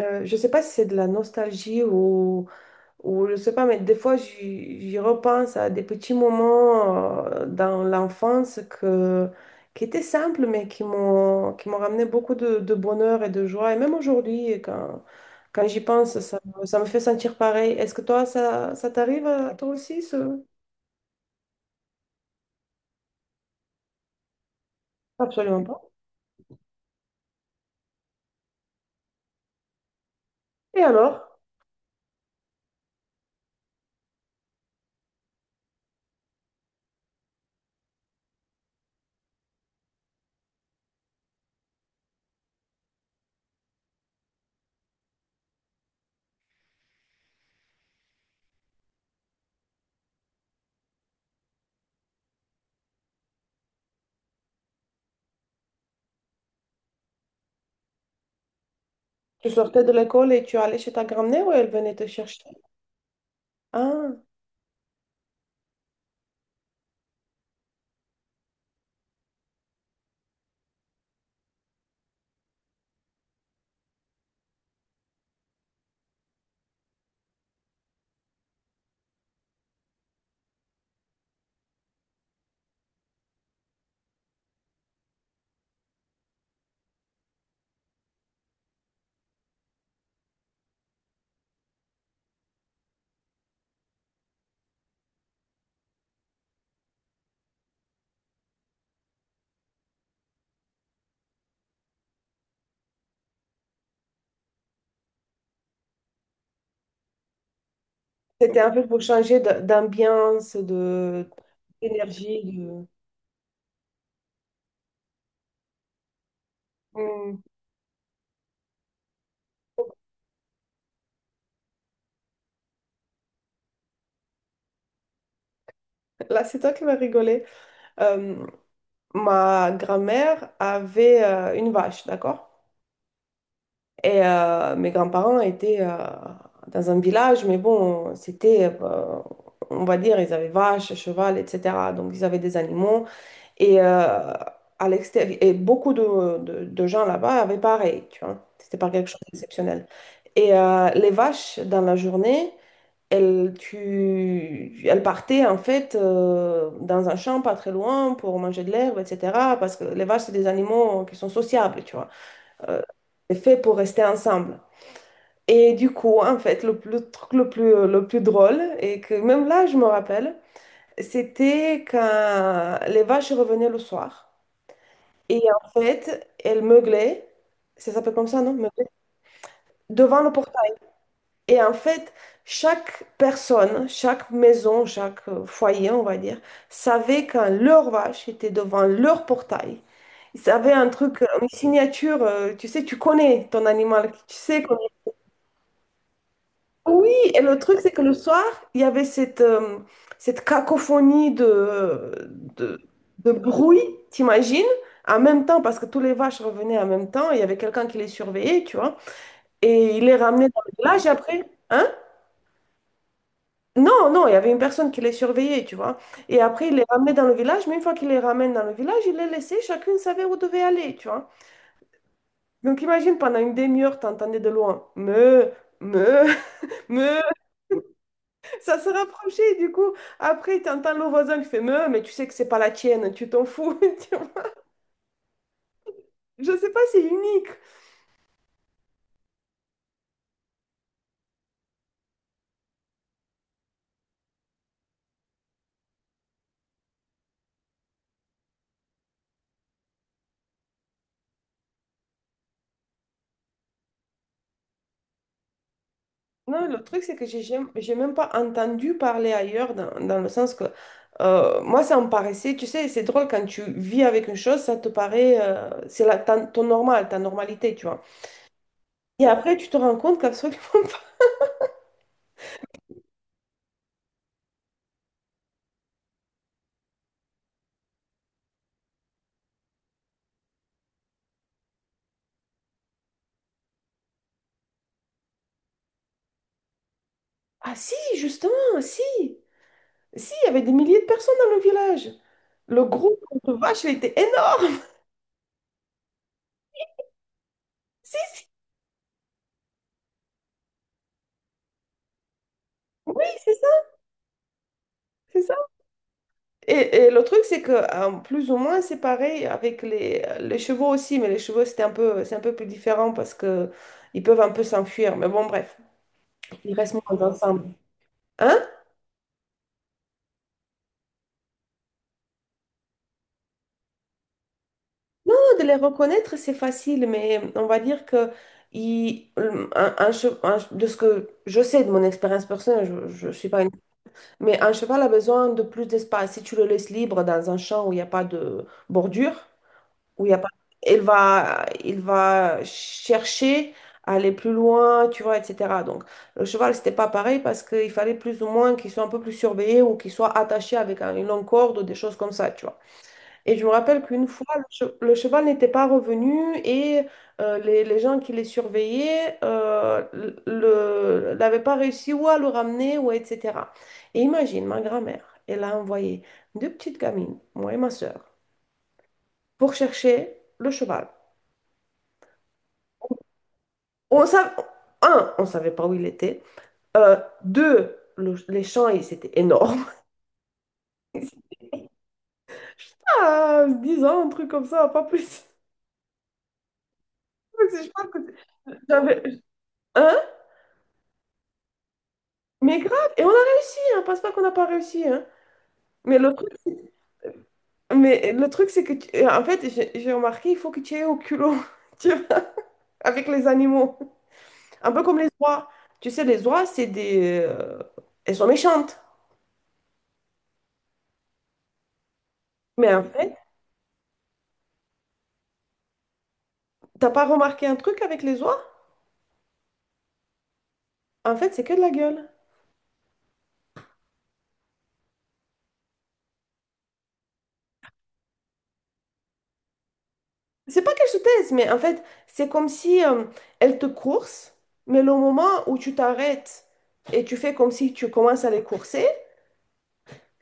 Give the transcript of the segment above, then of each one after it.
Je sais pas si c'est de la nostalgie ou je sais pas, mais des fois, j'y repense à des petits moments dans l'enfance que, qui étaient simples, mais qui m'ont ramené beaucoup de bonheur et de joie. Et même aujourd'hui, quand, quand j'y pense, ça, ça me fait sentir pareil. Est-ce que toi, ça t'arrive à toi aussi, ce... Absolument pas. Et alors, tu sortais de l'école et tu allais chez ta grand-mère ou elle venait te chercher? Ah, c'était un peu pour changer d'ambiance, de... L'énergie de... Hmm. Là, c'est toi qui vas rigoler. Euh, Ma grand-mère avait une vache, d'accord? Et mes grands-parents étaient dans un village, mais bon, c'était, on va dire, ils avaient vache, cheval, etc. Donc, ils avaient des animaux. Et, à l'extérieur, et beaucoup de, de gens là-bas avaient pareil, tu vois. C'était pas quelque chose d'exceptionnel. Et les vaches, dans la journée, elle, elle partait en fait dans un champ pas très loin pour manger de l'herbe, etc. Parce que les vaches, c'est des animaux qui sont sociables, tu vois. Euh, c'est fait pour rester ensemble. Et du coup, en fait, le truc le plus drôle, et que même là, je me rappelle, c'était quand les vaches revenaient le soir. Et en fait, elles meuglaient, ça s'appelle comme ça, non? Meuglaient, devant le portail. Et en fait, chaque personne, chaque maison, chaque foyer, on va dire, savait quand leur vache était devant leur portail. Ils avaient un truc, une signature, tu sais, tu connais ton animal, tu sais. Oui, et le truc, c'est que le soir, il y avait cette, cette cacophonie de, de, de bruit, t'imagines? En même temps, parce que tous les vaches revenaient en même temps, il y avait quelqu'un qui les surveillait, tu vois, et il les ramenait dans le village après, hein. Non, non, il y avait une personne qui les surveillait, tu vois. Et après, il les ramenait dans le village, mais une fois qu'il les ramène dans le village, il les laissait, chacune savait où devait aller, tu vois. Donc imagine, pendant une demi-heure, t'entendais de loin, me, me, ça se rapprochait, du coup, après, t'entends le voisin qui fait me, mais tu sais que c'est pas la tienne, tu t'en fous. Tu vois. Je sais pas, c'est unique. Non, le truc, c'est que j'ai même pas entendu parler ailleurs, dans le sens que moi, ça me paraissait, tu sais, c'est drôle quand tu vis avec une chose, ça te paraît, c'est la, ton normal, ta normalité, tu vois. Et après, tu te rends compte qu'absolument pas. Ah si, justement, si, si, il y avait des milliers de personnes dans le village. Le groupe de vaches, il était énorme. Si, si, oui, c'est ça, c'est ça. Et le truc, c'est que hein, plus ou moins, c'est pareil avec les chevaux aussi, mais les chevaux, c'était un peu, c'est un peu plus différent parce que ils peuvent un peu s'enfuir. Mais bon, bref, ils restent moins ensemble. Hein? De les reconnaître, c'est facile, mais on va dire que il un che- un de ce que je sais de mon expérience personnelle, je ne suis pas une... Mais un cheval a besoin de plus d'espace. Si tu le laisses libre dans un champ où il n'y a pas de bordure, où il y a pas... il va chercher à aller plus loin, tu vois, etc. Donc, le cheval, c'était pas pareil parce qu'il fallait plus ou moins qu'il soit un peu plus surveillé ou qu'il soit attaché avec une longue corde ou des choses comme ça, tu vois. Et je me rappelle qu'une fois, le cheval n'était pas revenu et les gens qui les surveillaient n'avaient pas réussi ou à le ramener ou etc. Et imagine, ma grand-mère, elle a envoyé deux petites gamines, moi et ma sœur, pour chercher le cheval. On savait, un, on savait pas où il était. Euh, Deux, les champs, c'était énorme. Putain, 10 ans, un truc comme ça, pas plus. Parce que je pense que j'avais... Hein? Mais grave, et on a réussi, hein, pense pas qu'on n'a pas réussi, hein. Mais le truc, mais le truc, c'est que, en fait, j'ai remarqué, il faut que tu aies au culot, tu vois, avec les animaux. Un peu comme les oies. Tu sais, les oies, c'est des... elles sont méchantes. Mais en fait, t'as pas remarqué un truc avec les oies? En fait, c'est que de la gueule. C'est pas qu'elle se taise, mais en fait, c'est comme si elle te course, mais le moment où tu t'arrêtes et tu fais comme si tu commences à les courser,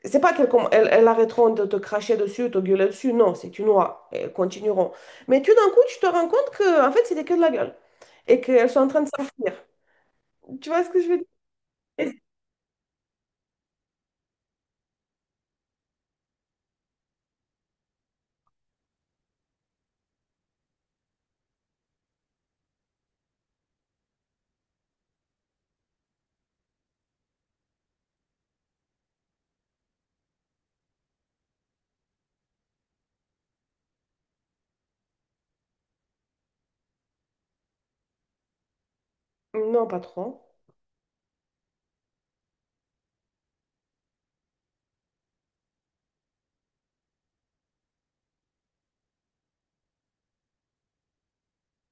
c'est pas qu'elles comm- elles arrêteront de te cracher dessus, de te gueuler dessus, non, c'est une loi, elles continueront. Mais tout d'un coup, tu te rends compte que, en fait, c'était que de la gueule et qu'elles sont en train de s'enfuir. Tu vois ce que je veux dire? Et- Non, pas trop.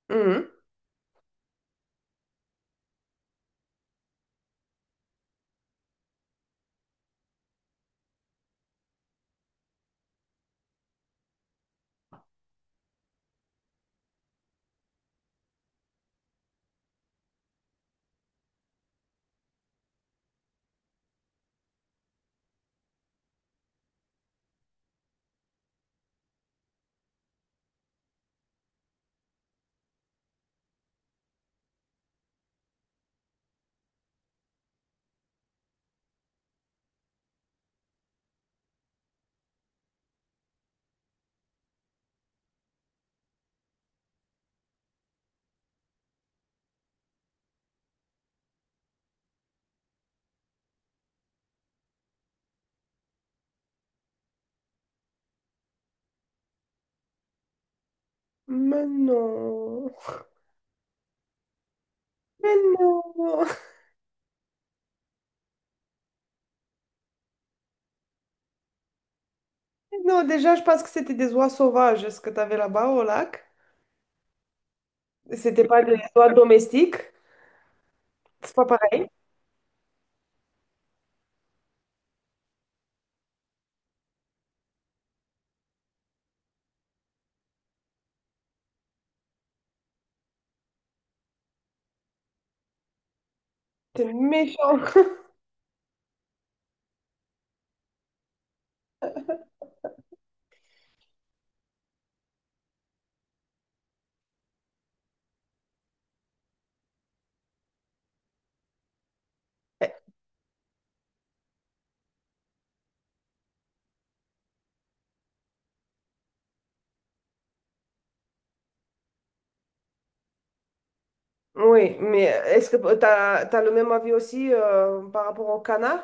Mhm. Mais non. Mais non. Non, déjà, je pense que c'était des oies sauvages, ce que tu avais là-bas au lac. C'était pas des oies domestiques. C'est pas pareil. C'est méchant. Oui, mais est-ce que t'as le même avis aussi par rapport au canard?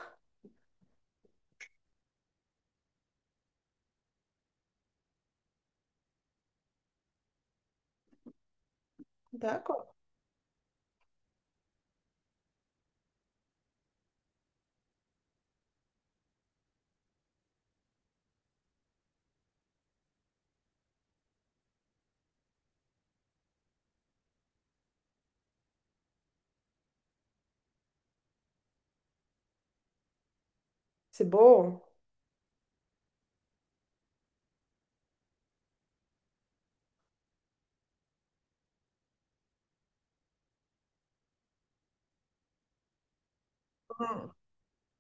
D'accord. C'est beau. Mm,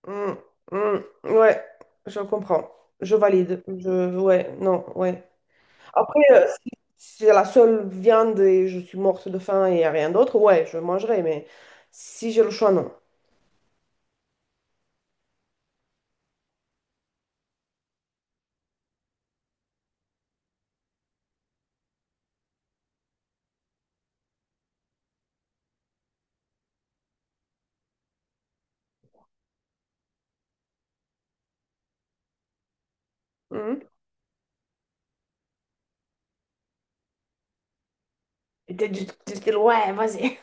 mm, mm. Ouais, je comprends. Je valide. Je, ouais, non, ouais. Après, si c'est la seule viande et je suis morte de faim et y a rien d'autre, ouais, je mangerai, mais si j'ai le choix, non. Mhm. Et t'es du style, ouais, vas-y.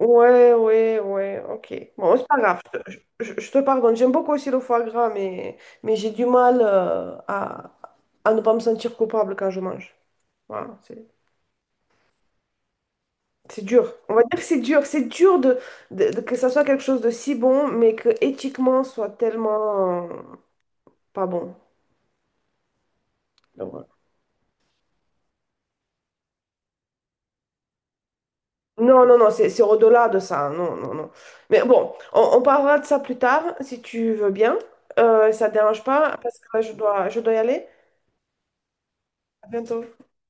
Ouais, ouais, ouais, ok. Bon, c'est pas grave, je te pardonne. J'aime beaucoup aussi le foie gras, mais j'ai du mal à ne pas me sentir coupable quand je mange. Voilà, c'est dur. On va dire que c'est dur. C'est dur de, que ça soit quelque chose de si bon, mais que éthiquement soit tellement pas bon. Donc, voilà. Non, non, non, c'est au-delà de ça. Non, non, non. Mais bon, on parlera de ça plus tard, si tu veux bien. Ça te dérange pas, parce que là, je dois y aller. À bientôt.